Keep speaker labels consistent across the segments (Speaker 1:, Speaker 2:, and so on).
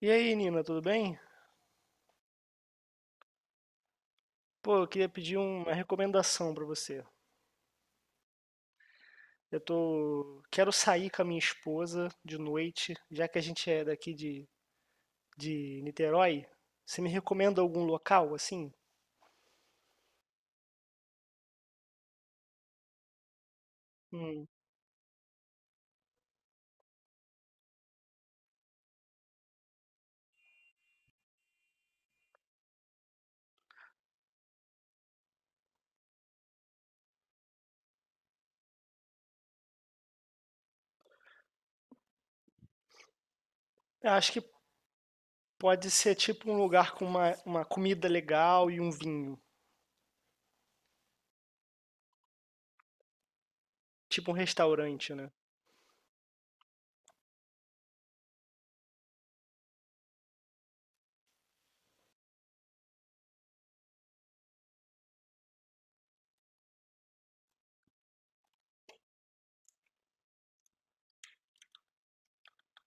Speaker 1: E aí, Nina, tudo bem? Pô, eu queria pedir uma recomendação pra você. Quero sair com a minha esposa de noite, já que a gente é daqui de Niterói. Você me recomenda algum local assim? Hum, eu acho que pode ser tipo um lugar com uma comida legal e um vinho, tipo um restaurante, né?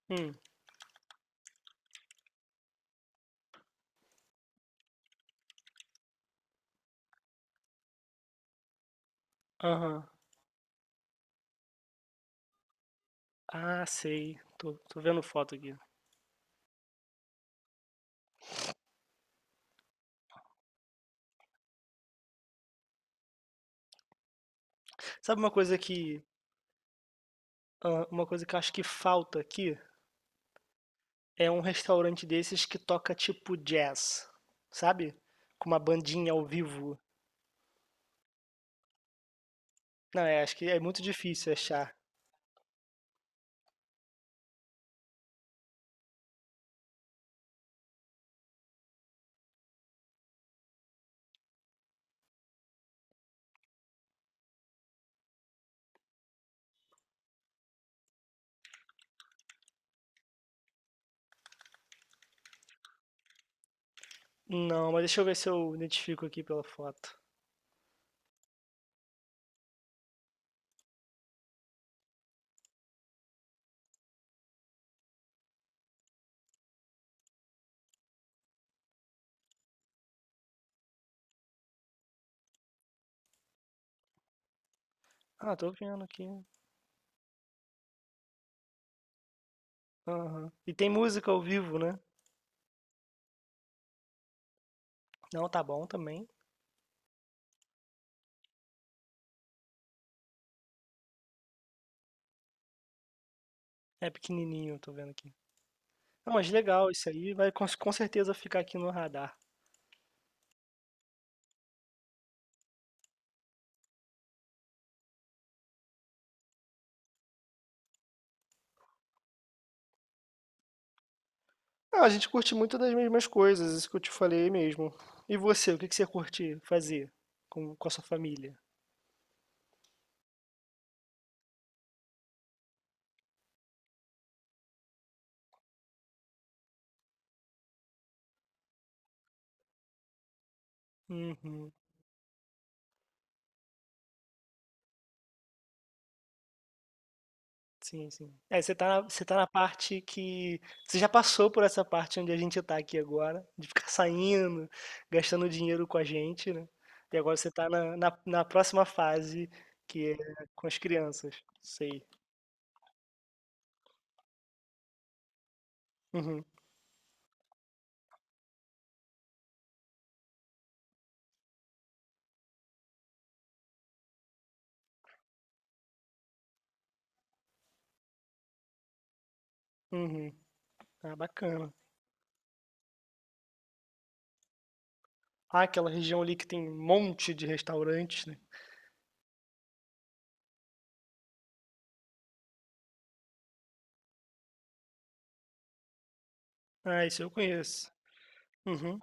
Speaker 1: Hum, aham. Ah, sei. Tô vendo foto aqui. Sabe uma coisa que, ah, uma coisa que eu acho que falta aqui? É um restaurante desses que toca tipo jazz, sabe? Com uma bandinha ao vivo. Não, é, acho que é muito difícil achar. Não, mas deixa eu ver se eu identifico aqui pela foto. Ah, tô vendo aqui. Aham. E tem música ao vivo, né? Não, tá bom também. É pequenininho, tô vendo aqui. Não, mas legal, isso aí vai com certeza ficar aqui no radar. Ah, a gente curte muito das mesmas coisas, isso que eu te falei mesmo. E você, o que que você curte fazer com a sua família? Uhum. Sim, sim. É, você tá na parte que você já passou por essa parte onde a gente tá aqui agora, de ficar saindo, gastando dinheiro com a gente, né. E agora você tá na próxima fase, que é com as crianças. Sei. Uhum, uhum. Ah, bacana. Ah, aquela região ali que tem um monte de restaurantes, né. Ah, isso eu conheço. Uhum,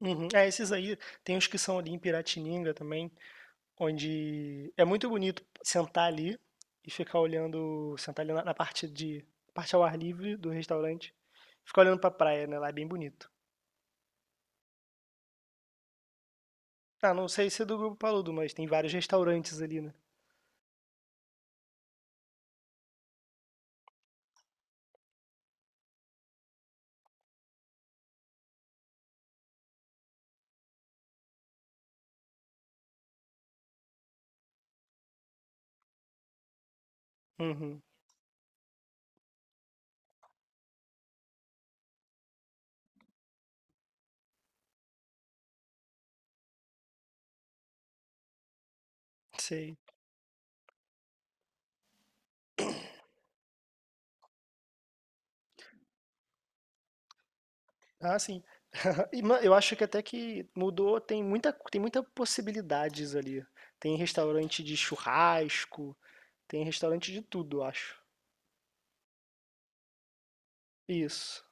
Speaker 1: uhum. É, esses aí, tem os que são ali em Piratininga também, onde é muito bonito sentar ali e ficar olhando, sentar ali na parte de parte ao ar livre do restaurante, ficar olhando pra praia, né? Lá é bem bonito. Ah, não sei se é do Grupo Paludo, mas tem vários restaurantes ali, né? Uhum, sei. Ah, sim. E, eu acho que até que mudou, tem muita possibilidades ali. Tem restaurante de churrasco, tem restaurante de tudo, eu acho. Isso.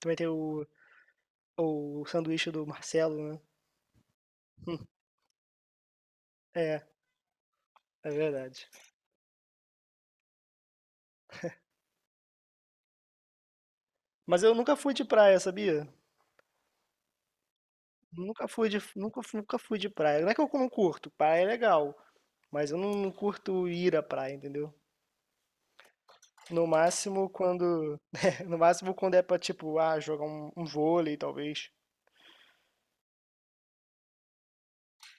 Speaker 1: Também tem o sanduíche do Marcelo, né? É, é verdade. Mas eu nunca fui de praia, sabia? Nunca fui de praia. Não é que eu não curto, praia é legal, mas eu não curto ir à praia, entendeu? No máximo quando no máximo quando é pra, tipo, ah, jogar um vôlei, talvez.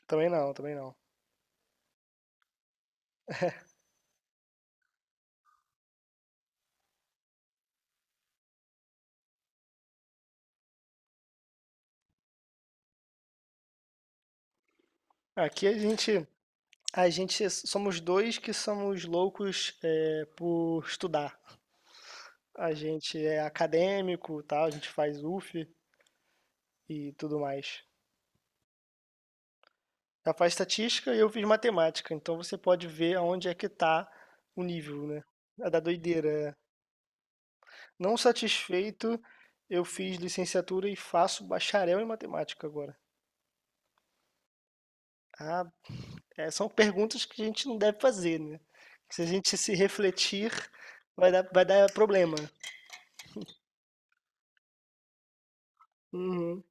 Speaker 1: Também não, também não. Aqui a gente somos 2 que somos loucos, por estudar. A gente é acadêmico, tal, a gente faz UF e tudo mais. Ela faz estatística e eu fiz matemática, então você pode ver aonde é que está o nível, né? É da doideira. É. Não satisfeito, eu fiz licenciatura e faço bacharel em matemática agora. Ah, é, são perguntas que a gente não deve fazer, né? Se a gente se refletir, vai dar problema. Uhum,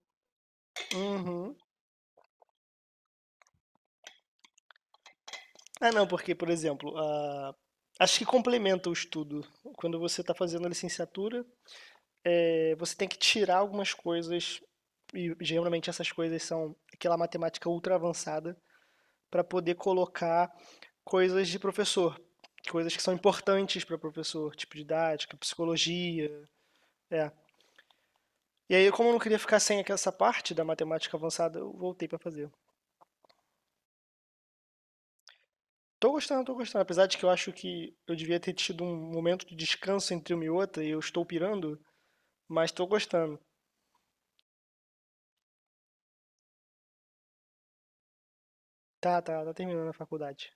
Speaker 1: uhum. Ah, não, porque, por exemplo, acho que complementa o estudo. Quando você está fazendo a licenciatura, é, você tem que tirar algumas coisas, e geralmente essas coisas são aquela matemática ultra avançada, para poder colocar coisas de professor, coisas que são importantes para professor, tipo didática, psicologia, é. E aí, como eu não queria ficar sem essa parte da matemática avançada, eu voltei para fazer. Tô gostando, tô gostando. Apesar de que eu acho que eu devia ter tido um momento de descanso entre uma e outra, e eu estou pirando, mas tô gostando. Tá, tá, tá terminando a faculdade.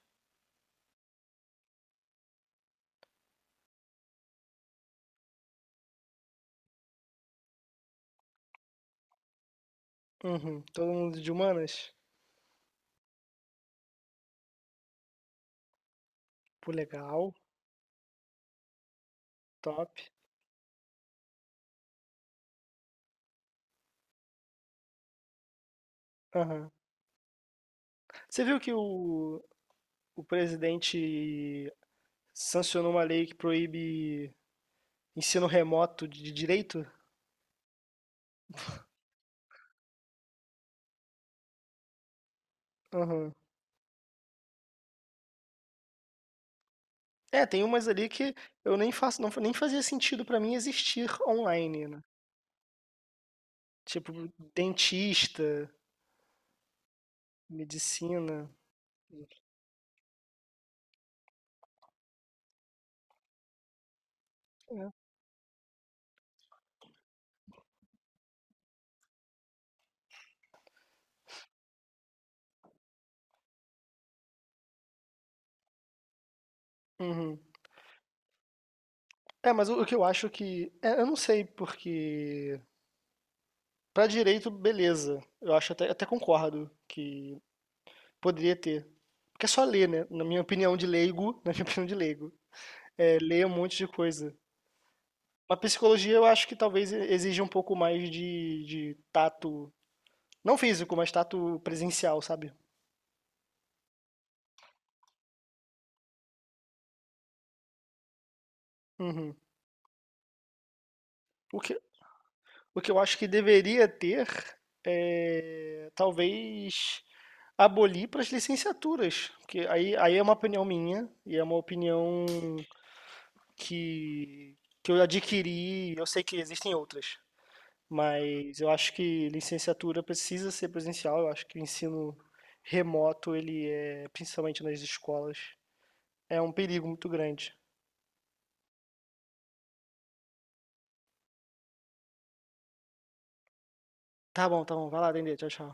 Speaker 1: Uhum. Todo mundo de humanas? Pô, legal, top. Aham. Você viu que o presidente sancionou uma lei que proíbe ensino remoto de direito? Aham. É, tem umas ali que eu nem faço, não, nem fazia sentido pra mim existir online, né? Tipo, dentista, medicina. Uhum. É, mas o que eu acho que. É, eu não sei, porque. Pra direito, beleza. Eu acho até, até concordo que poderia ter. Porque é só ler, né? Na minha opinião de leigo, na minha opinião de leigo, é ler um monte de coisa. Mas psicologia eu acho que talvez exija um pouco mais de tato, não físico, mas tato presencial, sabe? Uhum. O que, o que eu acho que deveria ter é talvez abolir para as licenciaturas. Porque aí, aí é uma opinião minha e é uma opinião que, que eu adquiri, eu sei que existem outras. Mas eu acho que licenciatura precisa ser presencial, eu acho que o ensino remoto, ele é, principalmente nas escolas, é um perigo muito grande. Tá bom, vai lá, Dendê, tchau, tchau.